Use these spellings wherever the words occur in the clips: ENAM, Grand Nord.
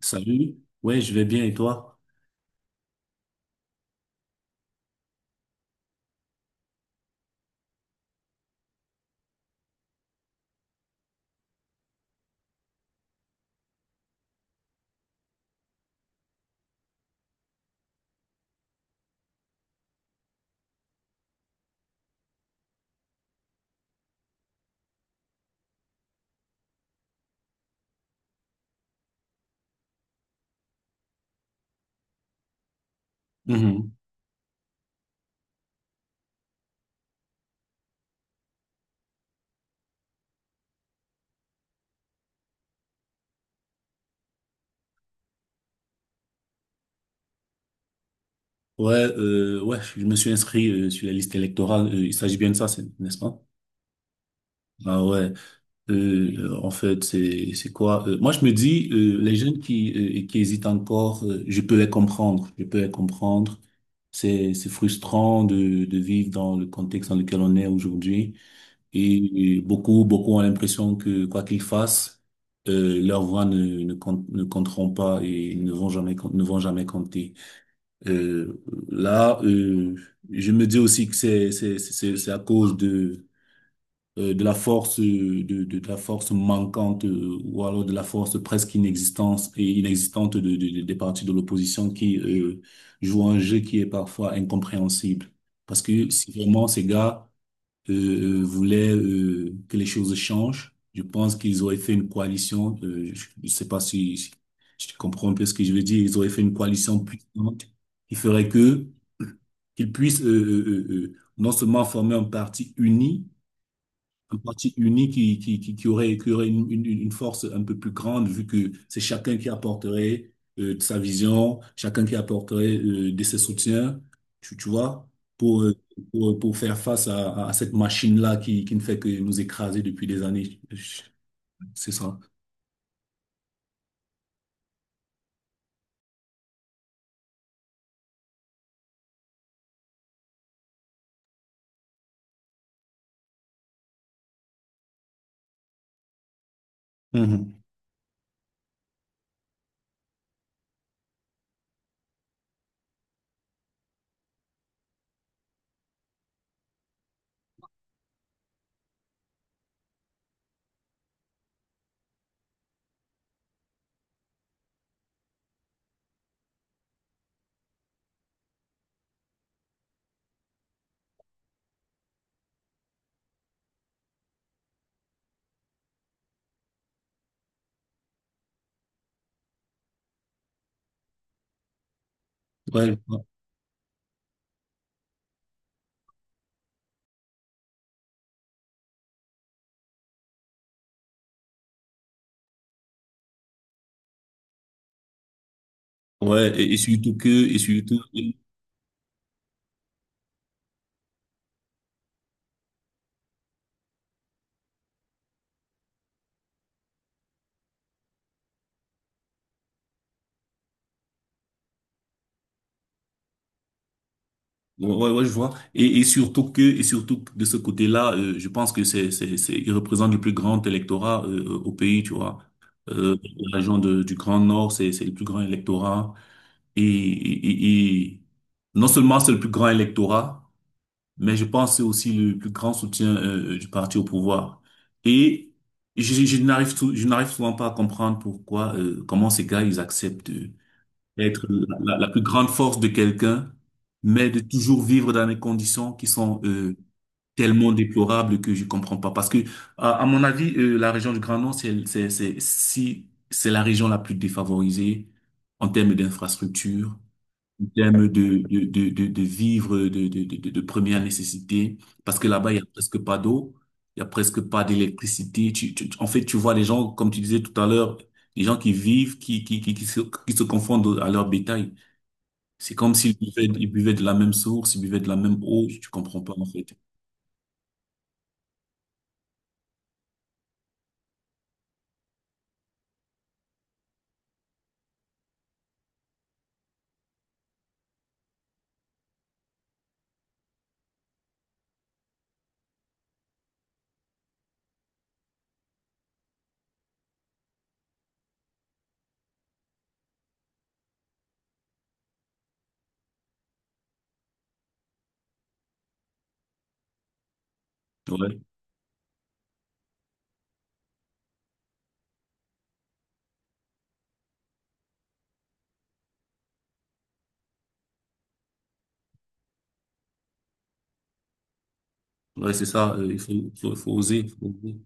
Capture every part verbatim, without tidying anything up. Salut, ouais, je vais bien et toi? Mhm. Ouais, euh, ouais, je me suis inscrit euh, sur la liste électorale. Euh, il s'agit bien de ça, c'est- n'est-ce pas? Ah ouais. Euh, euh, en fait, c'est c'est quoi? Euh, moi, je me dis, euh, les jeunes qui euh, qui hésitent encore, euh, je peux les comprendre. Je peux les comprendre. C'est c'est frustrant de de vivre dans le contexte dans lequel on est aujourd'hui. Et, et beaucoup beaucoup ont l'impression que quoi qu'ils fassent, euh, leur voix ne ne compte- ne compteront pas et ne vont jamais com- ne vont jamais compter. Euh, là, euh, je me dis aussi que c'est c'est c'est c'est à cause de euh, de la force euh, de, de de la force manquante euh, ou alors de la force presque inexistante et inexistante de, de- de- des partis de l'opposition qui euh, jouent un jeu qui est parfois incompréhensible. Parce que si vraiment ces gars euh, euh, voulaient euh, que les choses changent, je pense qu'ils auraient fait une coalition. Euh, je ne sais pas si, si si tu comprends un peu ce que je veux dire. Ils auraient fait une coalition puissante qui ferait que qu'ils puissent euh, euh, euh, euh, non seulement former un parti uni, un parti uni qui, qui, qui, qui aurait, qui aurait une, une, une force un peu plus grande, vu que c'est chacun qui apporterait euh, de sa vision, chacun qui apporterait euh, de ses soutiens, tu, tu vois, pour, euh, pour, pour faire face à, à cette machine-là qui, qui ne fait que nous écraser depuis des années. C'est ça. Mhm. Ouais, ouais, et et surtout que, et surtout, Ouais, ouais, ouais, je vois. Et, et surtout que, et surtout que de ce côté-là, euh, je pense que c'est, c'est, c'est, il représente le plus grand électorat euh, au pays, tu vois. Euh, la région de- du Grand Nord, c'est, c'est le plus grand électorat. Et, et, et, et non seulement c'est le plus grand électorat, mais je pense que c'est aussi le plus grand soutien euh, euh, du parti au pouvoir. Et je, je n'arrive, sou- je n'arrive souvent pas à comprendre pourquoi, euh, comment ces gars, ils acceptent. Euh, être la, la- la plus grande force de quelqu'un, mais de toujours vivre dans des conditions qui sont euh, tellement déplorables que je comprends pas. Parce que, à, à mon avis, euh, la région du Grand Nord, c'est, c'est, c'est, si, c'est la région la plus défavorisée en termes d'infrastructure, en termes de, de, de, de, de vivres de, de, de, de de première nécessité, parce que là-bas, il y a presque pas d'eau. Il y a presque pas d'électricité. Tu, tu- tu- en fait, tu vois les gens, comme tu disais tout à l'heure, les gens qui vivent, qui, qui, qui, qui se, qui se confondent à leur bétail. C'est comme s'ils buvaient, ils buvaient de la même source, ils buvaient de la même eau, tu comprends pas en fait. Ouais, ouais, c'est ça, euh, il faut, faut, faut oser. Faut oser.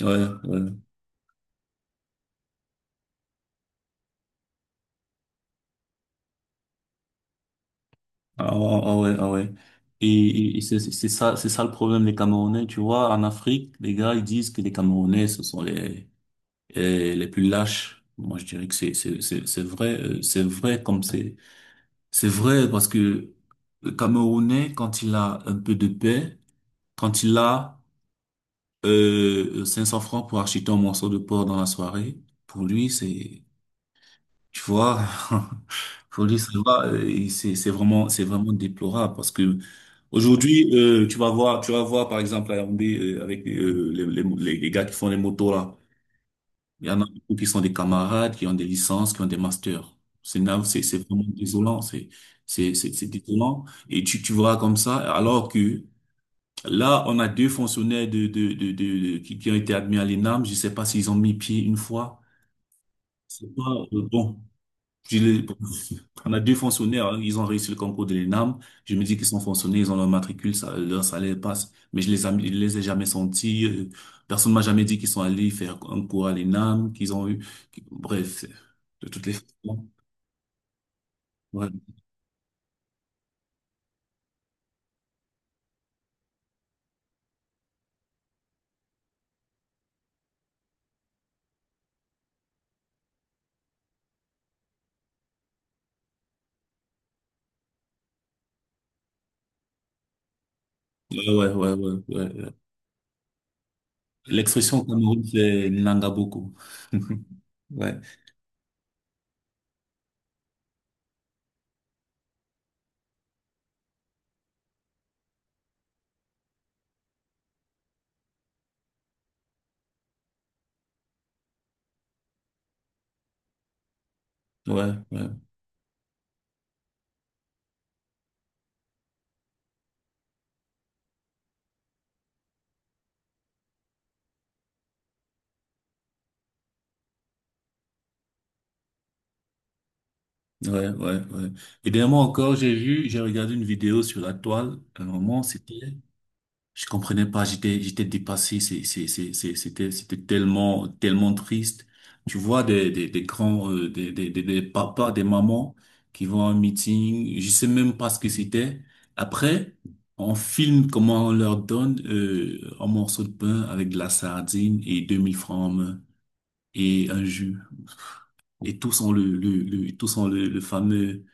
Ouais, ouais. Ah, ah, ah ouais, ah ouais. Et, et- et c'est c'est ça, c'est ça le problème des Camerounais, tu vois. En Afrique, les gars, ils disent que les Camerounais, ce sont les, les les plus lâches. Moi, je dirais que c'est, c'est, c'est c'est vrai, euh, c'est vrai comme c'est, c'est vrai parce que le Camerounais, quand il a un peu de paix, quand il a Euh, cinq cents francs pour acheter un morceau de porc dans la soirée, pour lui, c'est, tu vois, pour lui, ça va, euh, il- c'est, c'est vraiment, c'est vraiment déplorable parce que aujourd'hui, euh, tu vas voir, tu vas voir, par exemple, à Yaoundé, euh, avec euh, les, les, les- les gars qui font les motos là, il y en a beaucoup qui sont des camarades, qui ont des licences, qui ont des masters. C'est, na- c'est c'est vraiment désolant, c'est, c'est, c'est c'est désolant. Et tu, tu vois comme ça, alors que là, on a deux fonctionnaires de, de, de, de- de- qui, qui ont été admis à l'E N A M. Je ne sais pas s'ils ont mis pied une fois. C'est pas euh, bon. Je les- on a deux fonctionnaires, hein, ils ont réussi le concours de l'E N A M. Je me dis qu'ils sont fonctionnaires, ils ont leur matricule, ça, leur salaire passe. Mais je les ai, je les ai jamais sentis. euh, Personne m'a jamais dit qu'ils sont allés faire un cours à l'E N A M, qu'ils ont eu. qu'- Bref, c'est- de toutes les façons. Ouais, ouais, ouais, ouais, ouais, ouais. L'expression au Cameroun, c'est Nanga beaucoup. Ouais, ouais, ouais. Ouais, ouais, ouais. Et dernièrement encore, j'ai vu, j'ai regardé une vidéo sur la toile. À un moment, c'était, je comprenais pas, j'étais, j'étais dépassé. C'est, c'est, c'est, c'est- c'était, c'était tellement, tellement triste. Tu vois des, des, des grands, euh, des, des, des, des papas, des mamans qui vont à un meeting. Je sais même pas ce que c'était. Après, on filme comment on leur donne, euh, un morceau de pain avec de la sardine et deux mille francs en main et un jus. Et tous ont le, le, le, tous ont le le fameux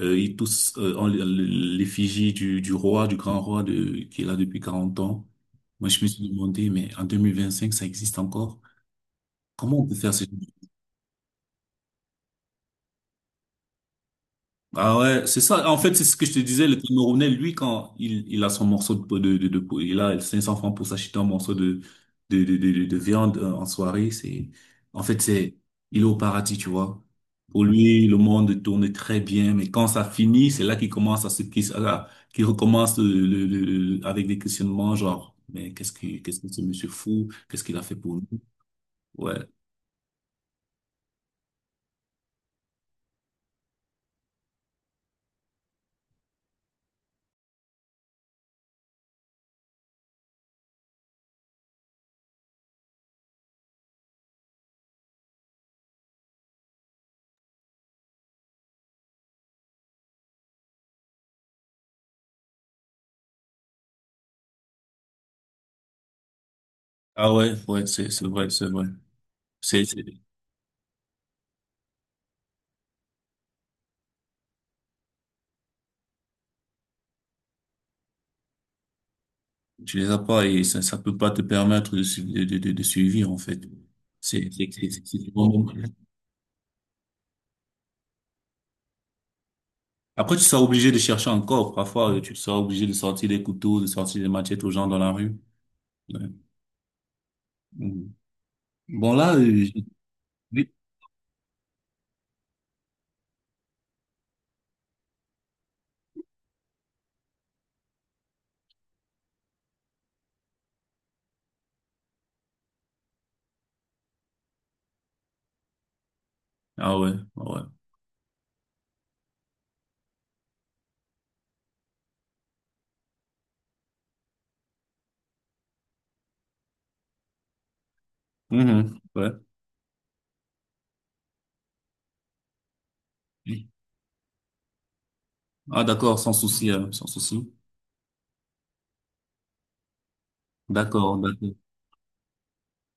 euh, ils tous euh, ont l'effigie du, du roi, du grand roi de, qui est là depuis quarante ans. Moi, je me suis demandé, mais en deux mille vingt-cinq, ça existe encore? Comment on peut faire ce Ah ouais, c'est ça. En fait, c'est ce que je te disais, le Camerounais, lui, quand il, il a son morceau de, de, de, de- il a cinq cents francs pour s'acheter un morceau de, de, de, de, de- de viande euh, en soirée, c'est, en fait, c'est, il est au paradis, tu vois. Pour lui, le monde tourne très bien, mais quand ça finit, c'est là qu'il commence à se, qu'il, à- qu'il recommence le, le- le- le- avec des questionnements, genre, mais qu'est-ce que, qu'est-ce que ce monsieur fou? Qu'est-ce qu'il a fait pour nous? Ouais. Ah ouais, ouais, c'est, c'est vrai, c'est vrai. Tu les as pas et ça, ça peut pas te permettre de, su- de, de, de de suivre, en fait. C'est, c'est, c'est, c'est- c'est vraiment- Après, tu seras obligé de chercher encore. Parfois, euh, tu seras obligé de sortir des couteaux, de sortir des machettes aux gens dans la rue. Ouais. Mhm. Bon, là, euh, j'ai- oui. Ah ouais, ah ouais. Mhm. Ouais. Ah d'accord, sans souci, euh, sans souci. D'accord, d'accord.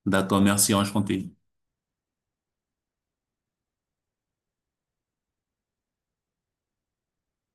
D'accord, merci, enchanté.